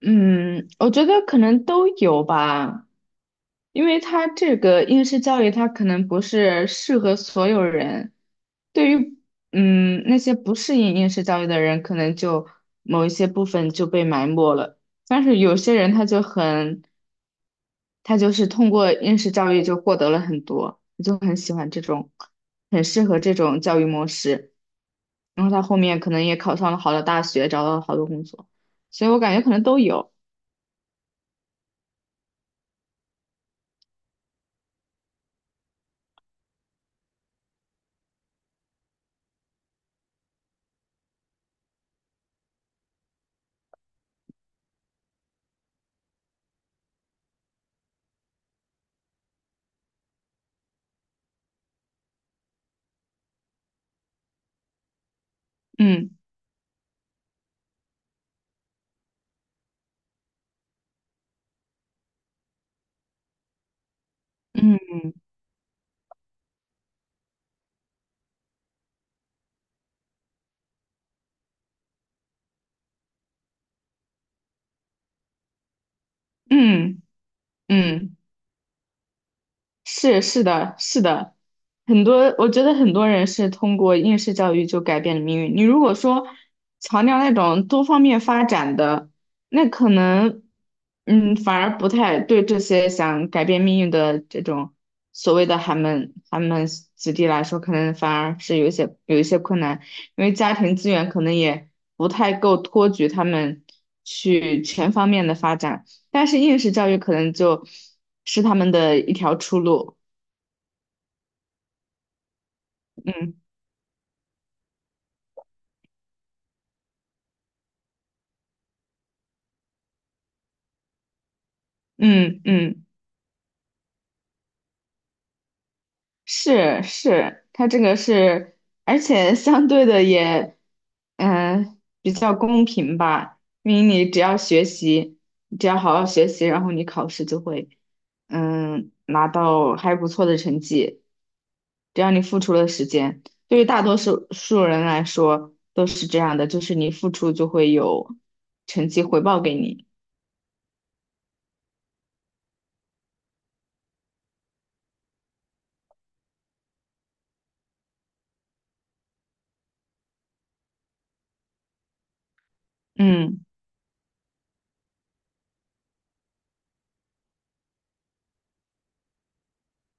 嗯，我觉得可能都有吧，因为它这个应试教育，它可能不是适合所有人。对于那些不适应应试教育的人，可能就某一些部分就被埋没了。但是有些人他就很，他就是通过应试教育就获得了很多，我就很喜欢这种，很适合这种教育模式。然后他后面可能也考上了好的大学，找到了好多工作，所以我感觉可能都有。嗯嗯嗯。嗯，是的，是的，很多我觉得很多人是通过应试教育就改变了命运。你如果说强调那种多方面发展的，那可能反而不太对这些想改变命运的这种所谓的寒门子弟来说，可能反而是有一些困难，因为家庭资源可能也不太够托举他们去全方面的发展。但是应试教育可能就是他们的一条出路。嗯嗯嗯，是是，它这个是，而且相对的也，比较公平吧，因为你只要学习，你只要好好学习，然后你考试就会，嗯，拿到还不错的成绩，只要你付出了时间，对于大多数人来说都是这样的，就是你付出就会有成绩回报给你。嗯。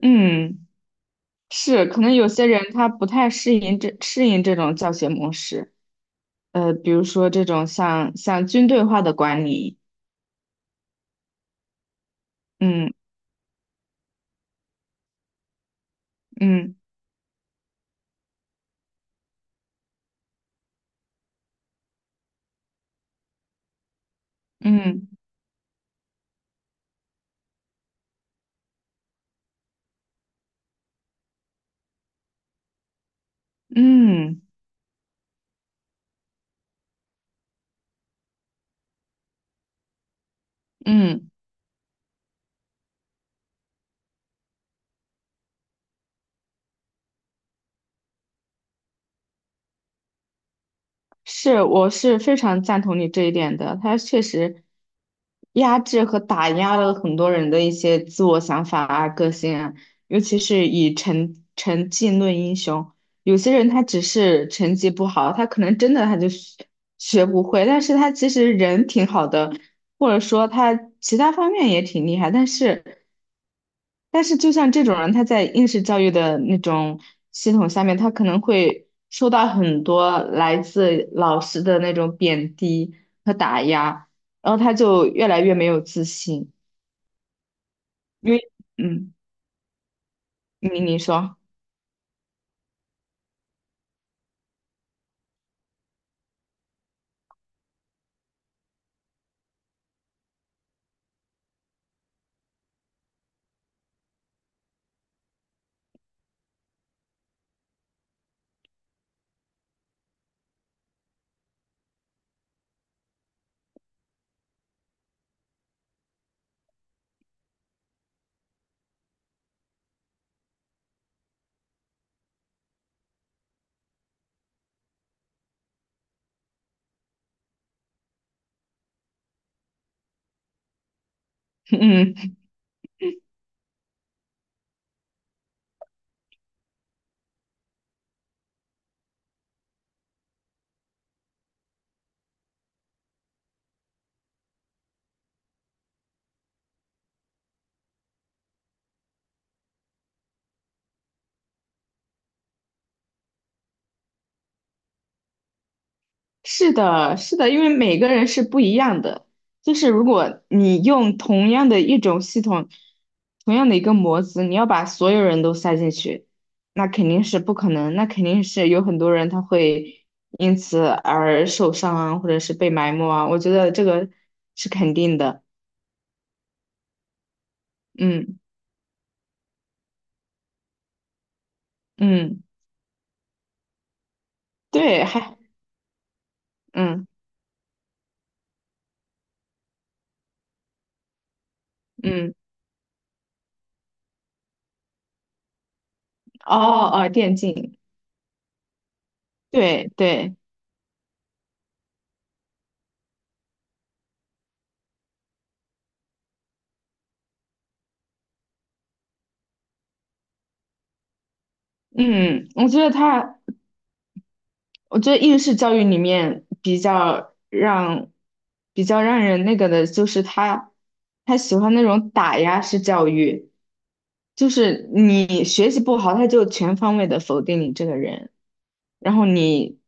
嗯，是，可能有些人他不太适应这种教学模式，比如说这种像军队化的管理，嗯嗯嗯嗯嗯嗯，是，我是非常赞同你这一点的。他确实压制和打压了很多人的一些自我想法啊、个性啊，尤其是以成绩论英雄。有些人他只是成绩不好，他可能真的他就学学不会，但是他其实人挺好的，或者说他其他方面也挺厉害，但是就像这种人，他在应试教育的那种系统下面，他可能会受到很多来自老师的那种贬低和打压，然后他就越来越没有自信，因为嗯，你说，嗯。是的，是的，因为每个人是不一样的。就是如果你用同样的一种系统，同样的一个模子，你要把所有人都塞进去，那肯定是不可能。那肯定是有很多人他会因此而受伤啊，或者是被埋没啊。我觉得这个是肯定的。嗯嗯，对，还嗯嗯，哦哦，电竞，对对，嗯，我觉得他。我觉得应试教育里面比较让人那个的，就是他喜欢那种打压式教育，就是你学习不好，他就全方位的否定你这个人，然后你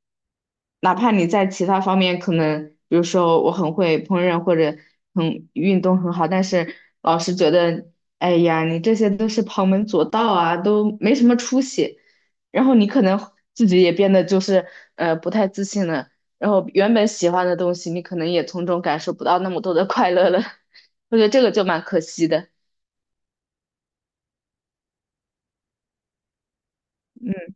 哪怕你在其他方面可能，比如说我很会烹饪或者很运动很好，但是老师觉得，哎呀，你这些都是旁门左道啊，都没什么出息。然后你可能自己也变得就是不太自信了，然后原本喜欢的东西，你可能也从中感受不到那么多的快乐了。我觉得这个就蛮可惜的。嗯，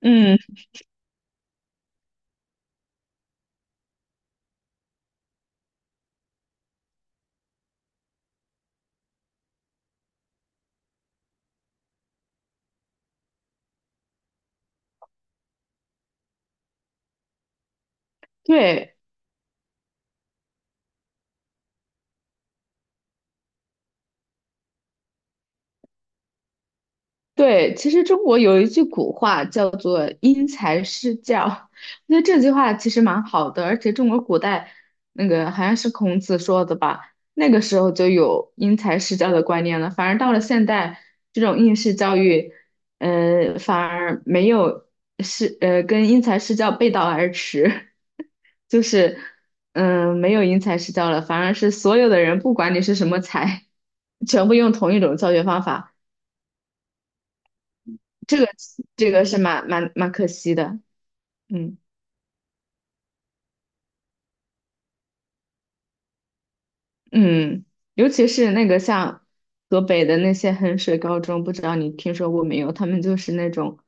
嗯，对。对，其实中国有一句古话叫做“因材施教”，那这句话其实蛮好的，而且中国古代那个好像是孔子说的吧，那个时候就有因材施教的观念了。反而到了现代，这种应试教育，反而没有是跟因材施教背道而驰，就是没有因材施教了，反而是所有的人不管你是什么才，全部用同一种教学方法。这个这个是蛮可惜的，嗯嗯，尤其是那个像河北的那些衡水高中，不知道你听说过没有？他们就是那种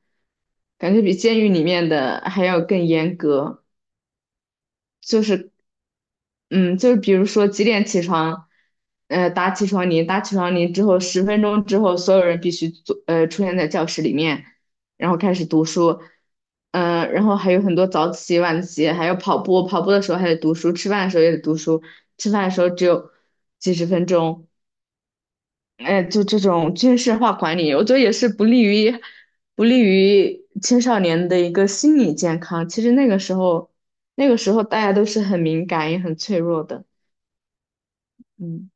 感觉比监狱里面的还要更严格，就是，嗯，就是比如说几点起床，打起床铃，打起床铃之后，十分钟之后，所有人必须坐，出现在教室里面，然后开始读书，然后还有很多早起、晚起，还有跑步，跑步的时候还得读书，吃饭的时候也得读书，吃饭的时候只有几十分钟，哎，就这种军事化管理，我觉得也是不利于青少年的一个心理健康。其实那个时候，那个时候大家都是很敏感也很脆弱的。嗯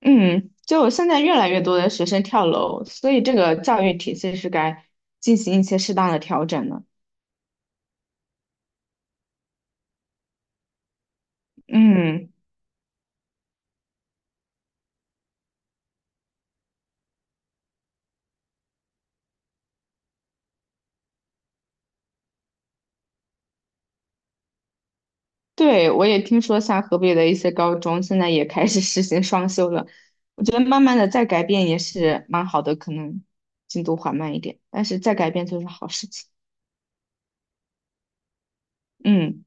嗯，就现在越来越多的学生跳楼，所以这个教育体系是该进行一些适当的调整的。嗯。对，我也听说像河北的一些高中现在也开始实行双休了，我觉得慢慢的再改变也是蛮好的，可能进度缓慢一点，但是再改变就是好事情。嗯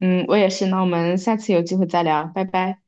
嗯，我也是，那我们下次有机会再聊，拜拜。